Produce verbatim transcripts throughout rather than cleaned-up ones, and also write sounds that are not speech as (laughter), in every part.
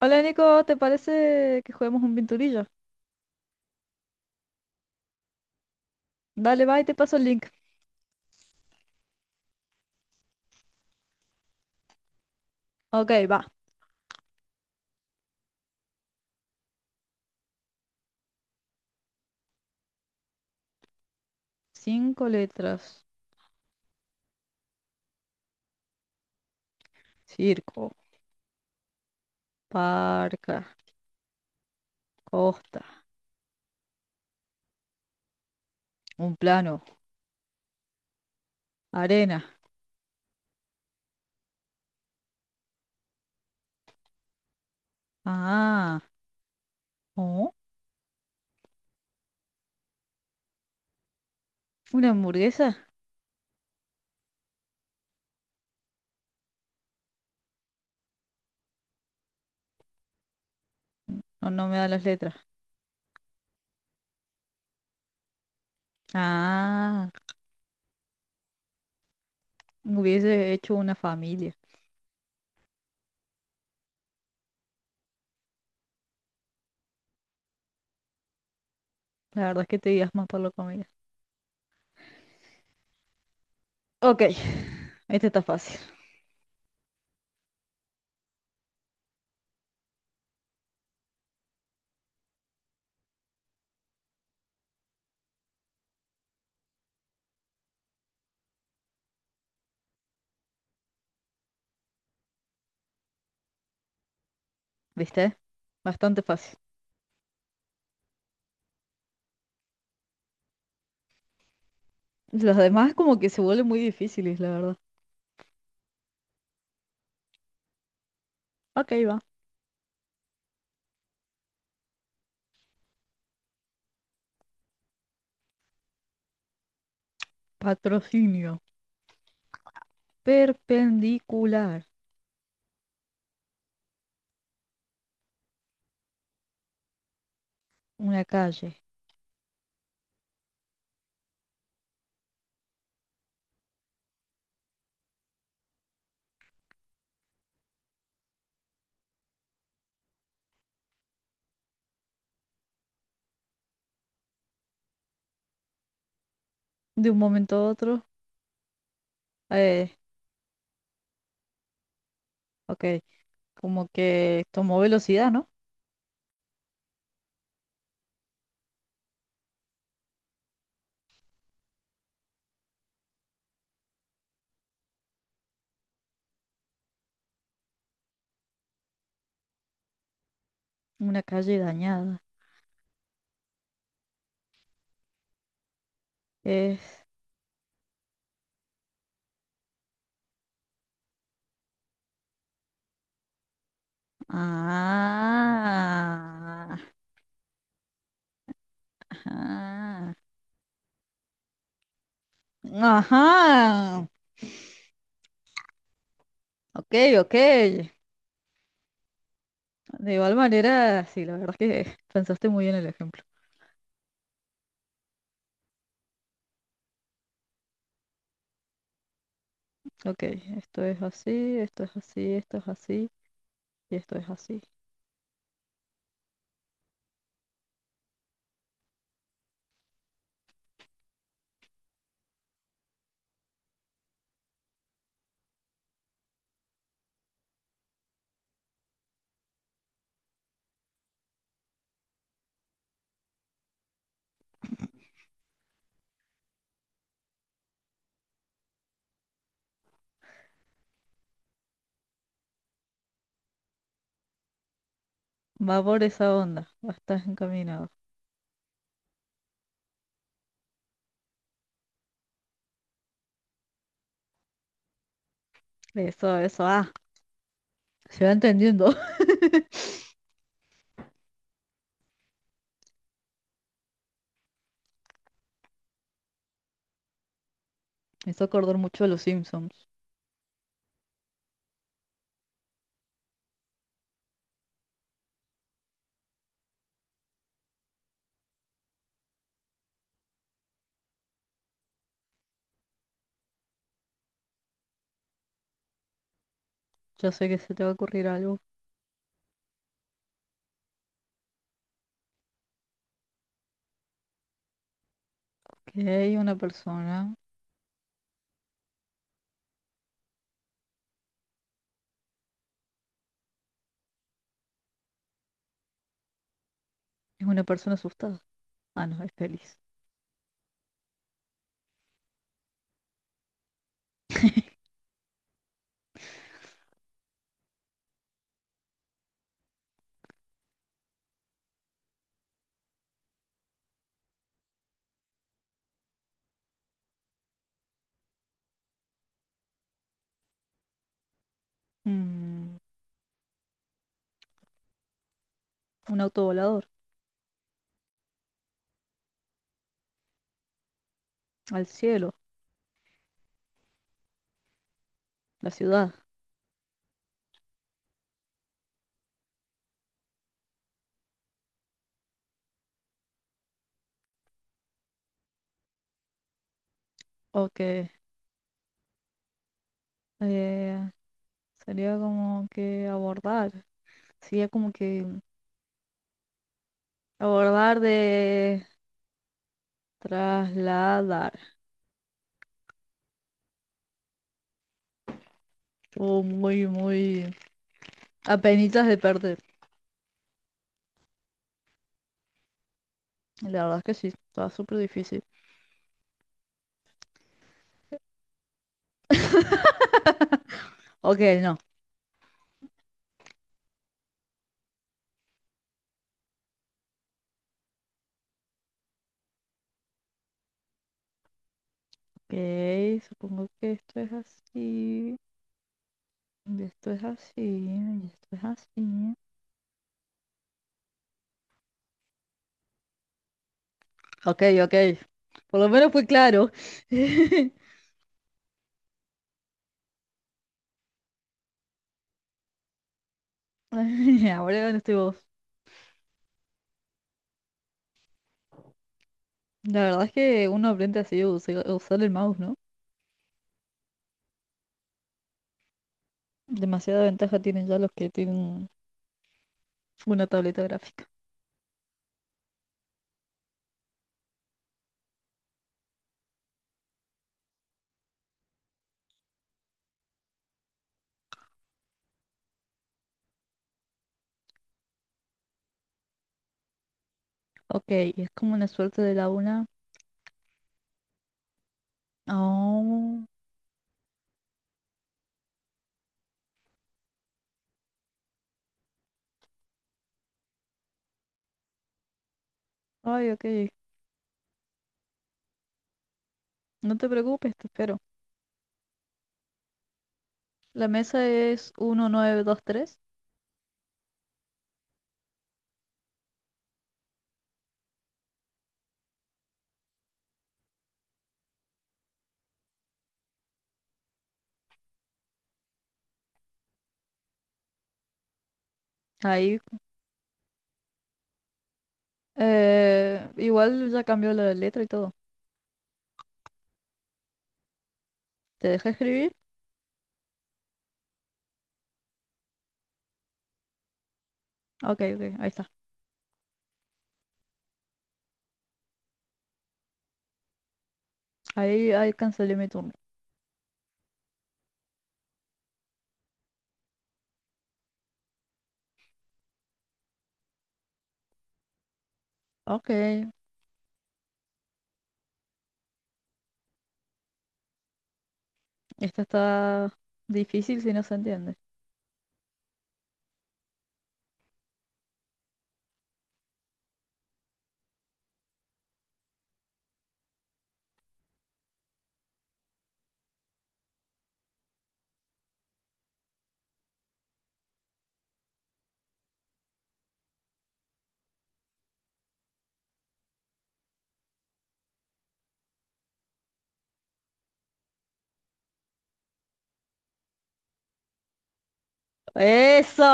Hola Nico, ¿te parece que juguemos un pinturillo? Dale, va y te paso el link. Ok, va. Cinco letras. Circo, parca, costa, un plano, arena. Ah, ¿oh? ¿Una hamburguesa? No, no me da las letras. Ah, hubiese hecho una familia. La verdad es que te digas más por la comida. Ok, (laughs) este está fácil, ¿viste? Bastante fácil. Los demás como que se vuelven muy difíciles, la verdad. Ok, va. Patrocinio. Perpendicular. Una calle. De un momento a otro, eh, ok, como que tomó velocidad, ¿no? Una calle dañada. Es... Ah, ajá. Ajá. Ok, ok. De igual manera, sí, la verdad es que pensaste muy bien el ejemplo. Ok, esto es así, esto es así, esto es así y esto es así. Va por esa onda, va, estás encaminado. Eso, eso, ah, se va entendiendo. Me hizo acordar mucho de los Simpsons. Ya sé que se te va a ocurrir algo. Que una persona. Es una persona asustada. Ah, no, es feliz. Mm, un auto volador. Al cielo. La ciudad. Ok. eh, Sería como que abordar. Sería como que abordar de trasladar. O muy, muy. Apenitas de perder. La verdad es que sí. Estaba súper difícil. Ok, no. Ok, supongo que esto es así. Y esto es así, y esto es así. Ok, ok. Por lo menos fue claro. (laughs) (laughs) Ahora estoy vos. La verdad es que uno aprende así a usa- a usar el mouse, ¿no? Demasiada ventaja tienen ya los que tienen una tableta gráfica. Ok, y es como una suerte de la una. Oh, ay, ok. No te preocupes, te espero. La mesa es uno nueve dos tres. Ahí. Eh, igual ya cambió la letra y todo. ¿Te deja escribir? Ok, ok, ahí está. Ahí, ahí cancelé mi turno. Ok, esta está difícil si no se entiende. ¡Eso!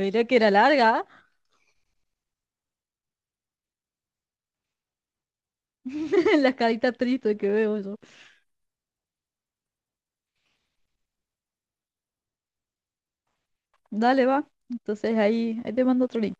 Mirá que era larga. (laughs) La carita triste que veo yo. Dale, va. Entonces ahí, ahí te mando otro link.